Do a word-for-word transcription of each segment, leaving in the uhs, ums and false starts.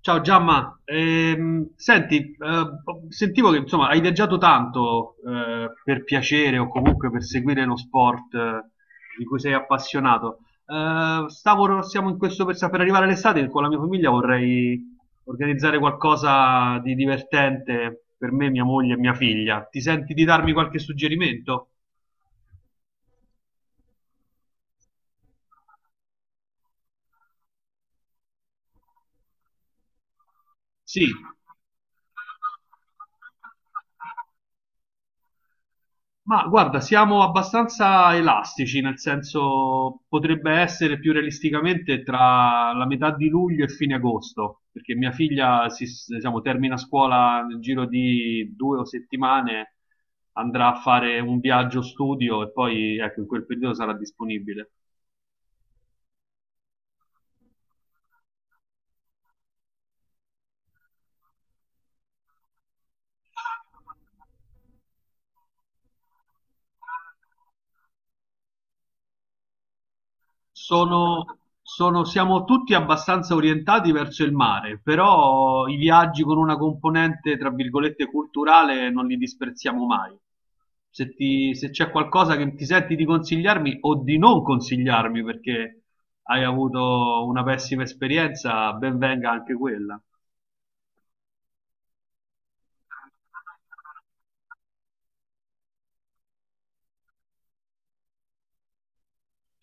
Ciao Giamma, Ehm, senti, eh, sentivo che insomma hai viaggiato tanto, eh, per piacere o comunque per seguire lo sport, eh, di cui sei appassionato. Eh, stavo, siamo in questo per, per arrivare all'estate con la mia famiglia, vorrei organizzare qualcosa di divertente per me, mia moglie e mia figlia. Ti senti di darmi qualche suggerimento? Sì, ma guarda, siamo abbastanza elastici, nel senso potrebbe essere più realisticamente tra la metà di luglio e fine agosto, perché mia figlia si, diciamo, termina scuola nel giro di due o settimane, andrà a fare un viaggio studio e poi ecco, in quel periodo sarà disponibile. Sono, sono- siamo tutti abbastanza orientati verso il mare, però i viaggi con una componente, tra virgolette, culturale non li disprezziamo mai. Se ti- se c'è qualcosa che ti senti di consigliarmi o di non consigliarmi perché hai avuto una pessima esperienza, ben venga anche quella.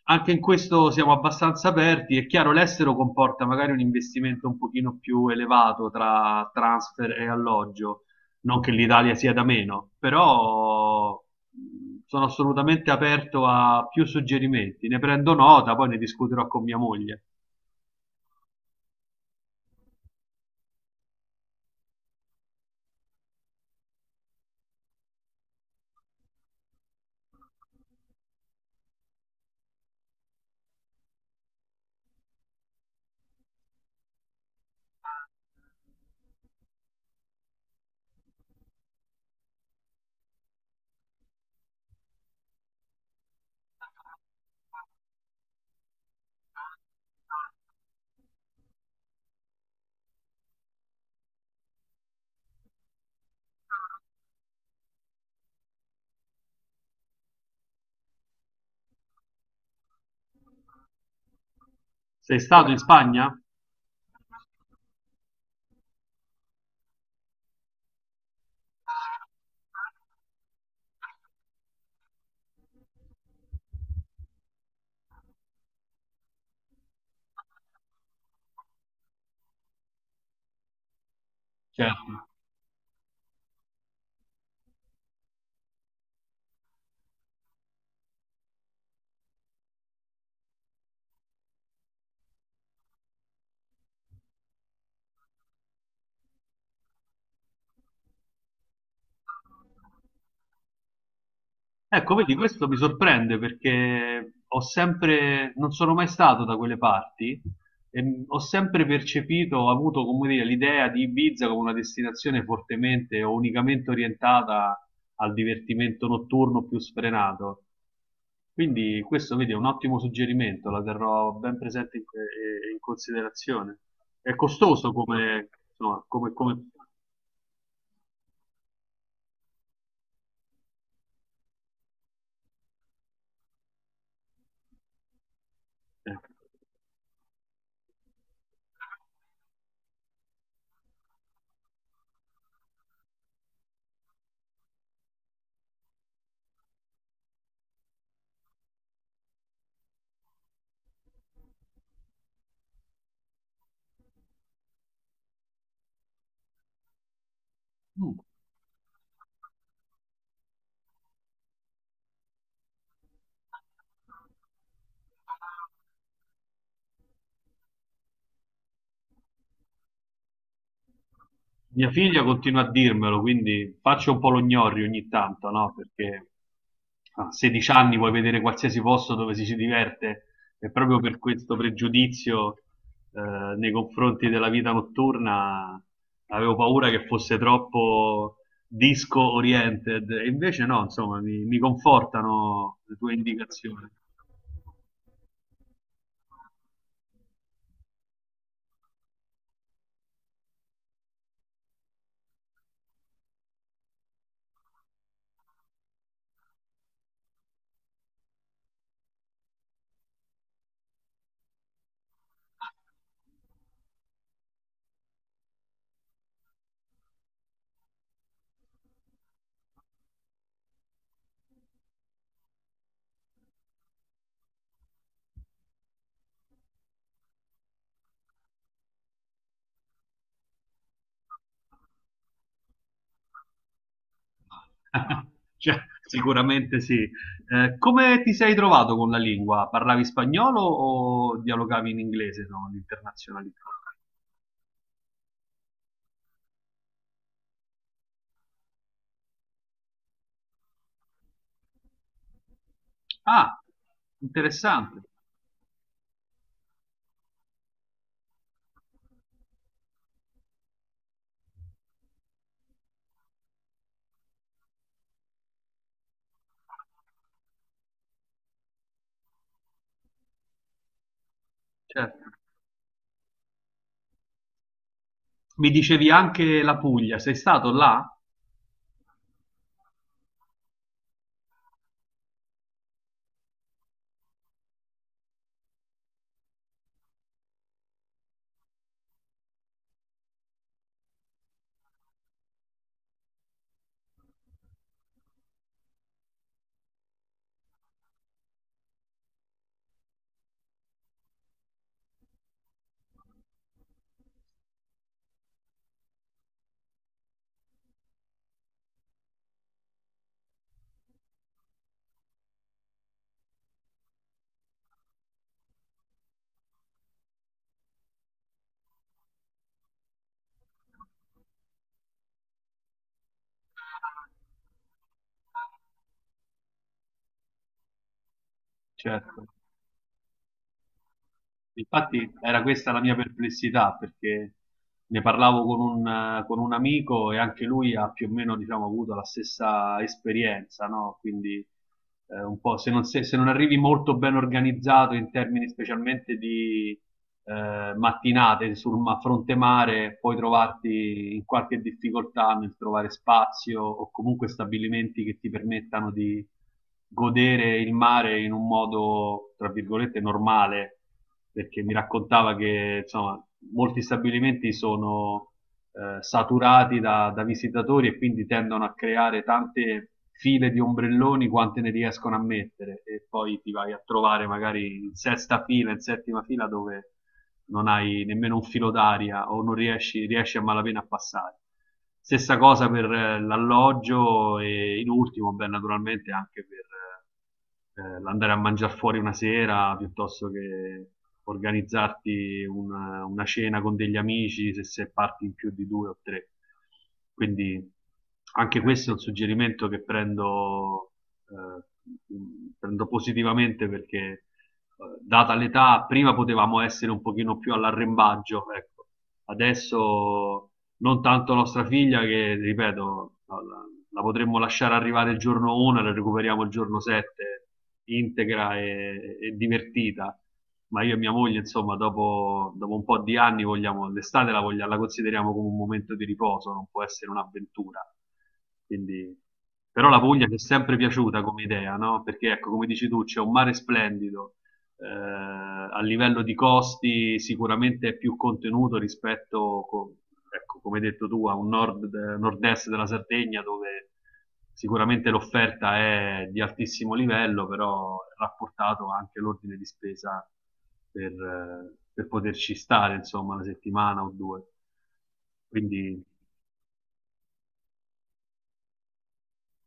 Anche in questo siamo abbastanza aperti. È chiaro, l'estero comporta magari un investimento un pochino più elevato tra transfer e alloggio, non che l'Italia sia da meno, però mh, sono assolutamente aperto a più suggerimenti. Ne prendo nota, poi ne discuterò con mia moglie. Sei stato in Spagna? Certo. Ecco, vedi, questo mi sorprende perché ho sempre, non sono mai stato da quelle parti e mh, ho sempre percepito, ho avuto, come dire, l'idea di Ibiza come una destinazione fortemente o unicamente orientata al divertimento notturno più sfrenato. Quindi questo, vedi, è un ottimo suggerimento, la terrò ben presente in, eh, in considerazione. È costoso come, insomma, come, come... eh. Mia figlia continua a dirmelo, quindi faccio un po' lo gnorri ogni tanto, no? Perché a sedici anni vuoi vedere qualsiasi posto dove ci si diverte e proprio per questo pregiudizio, eh, nei confronti della vita notturna avevo paura che fosse troppo disco oriented e invece no, insomma, mi, mi confortano le tue indicazioni. Cioè, sicuramente sì. Eh, come ti sei trovato con la lingua? Parlavi spagnolo o dialogavi in inglese, no? L'internazionalità. Ah, interessante, certo. Mi dicevi anche la Puglia, sei stato là? Certo. Infatti era questa la mia perplessità perché ne parlavo con un, con un amico e anche lui ha più o meno, diciamo, avuto la stessa esperienza, no? Quindi, eh, un po' se non, se- se non arrivi molto ben organizzato in termini specialmente di, eh, mattinate sul ma- fronte mare, puoi trovarti in qualche difficoltà nel trovare spazio o comunque stabilimenti che ti permettano di godere il mare in un modo, tra virgolette, normale, perché mi raccontava che insomma, molti stabilimenti sono eh, saturati da, da visitatori e quindi tendono a creare tante file di ombrelloni quante ne riescono a mettere e poi ti vai a trovare magari in sesta fila, in settima fila dove non hai nemmeno un filo d'aria o non riesci, riesci a malapena a passare. Stessa cosa per eh, l'alloggio e in ultimo, beh, naturalmente anche per, eh, eh, l'andare a mangiare fuori una sera piuttosto che organizzarti una, una cena con degli amici se sei parti in più di due o tre. Quindi anche questo è un suggerimento che prendo, eh, prendo positivamente perché, eh, data l'età prima potevamo essere un pochino più all'arrembaggio, ecco. Adesso non tanto nostra figlia che, ripeto, la, la- la potremmo lasciare arrivare il giorno uno e la recuperiamo il giorno sette integra e, e divertita. Ma io e mia moglie, insomma, dopo, dopo un po' di anni vogliamo, l'estate la, voglia- la consideriamo come un momento di riposo, non può essere un'avventura. Quindi, però la Puglia ci è sempre piaciuta come idea, no? Perché ecco, come dici tu, c'è un mare splendido, eh, a livello di costi sicuramente è più contenuto rispetto, co- ecco, come hai detto tu, a un nord, nord-est della Sardegna dove sicuramente l'offerta è di altissimo livello, però è rapportato anche l'ordine di spesa per, eh, per poterci stare, insomma, una settimana o due. Quindi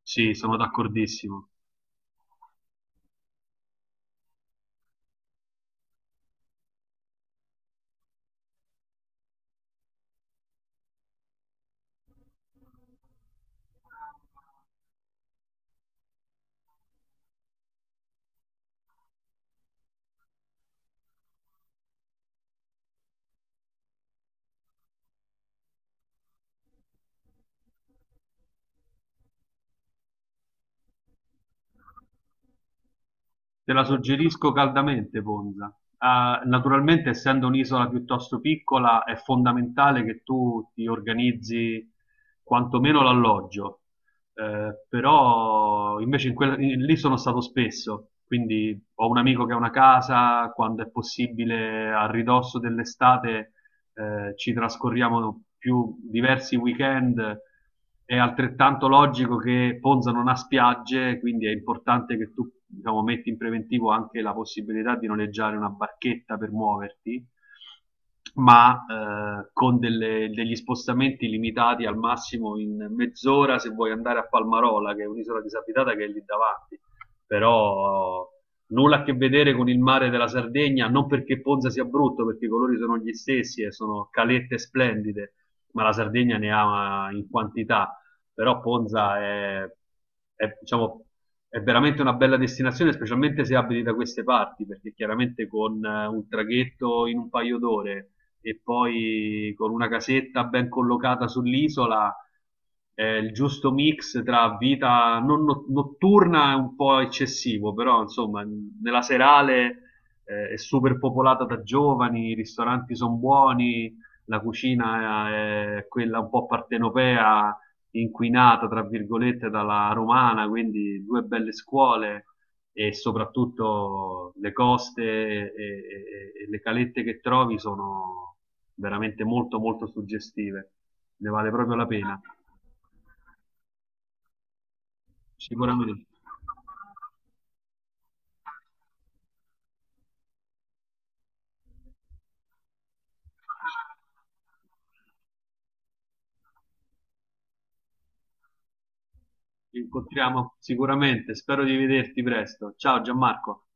sì, sono d'accordissimo. Te la suggerisco caldamente, Ponza. Ah, naturalmente, essendo un'isola piuttosto piccola, è fondamentale che tu ti organizzi quantomeno l'alloggio. Eh, però invece in quella- in- lì sono stato spesso, quindi ho un amico che ha una casa, quando è possibile a ridosso dell'estate eh, ci trascorriamo più diversi weekend, è altrettanto logico che Ponza non ha spiagge, quindi è importante che tu, diciamo, metti in preventivo anche la possibilità di noleggiare una barchetta per muoverti, ma eh, con delle, degli spostamenti limitati al massimo in mezz'ora se vuoi andare a Palmarola, che è un'isola disabitata che è lì davanti, però nulla a che vedere con il mare della Sardegna, non perché Ponza sia brutto, perché i colori sono gli stessi e sono calette splendide, ma la Sardegna ne ha, eh, in quantità. Però Ponza è, è, diciamo, è veramente una bella destinazione, specialmente se abiti da queste parti, perché chiaramente con eh, un traghetto in un paio d'ore e poi con una casetta ben collocata sull'isola, eh, il giusto mix tra vita non no- notturna è un po' eccessivo, però insomma n- nella serale eh, è super popolata da giovani, i ristoranti sono buoni, la cucina è quella un po' partenopea, inquinata tra virgolette dalla romana, quindi due belle scuole e soprattutto le coste e, e- e le calette che trovi sono veramente molto molto suggestive, ne vale proprio la pena. Sicuramente, ci incontriamo sicuramente, spero di vederti presto. Ciao Gianmarco.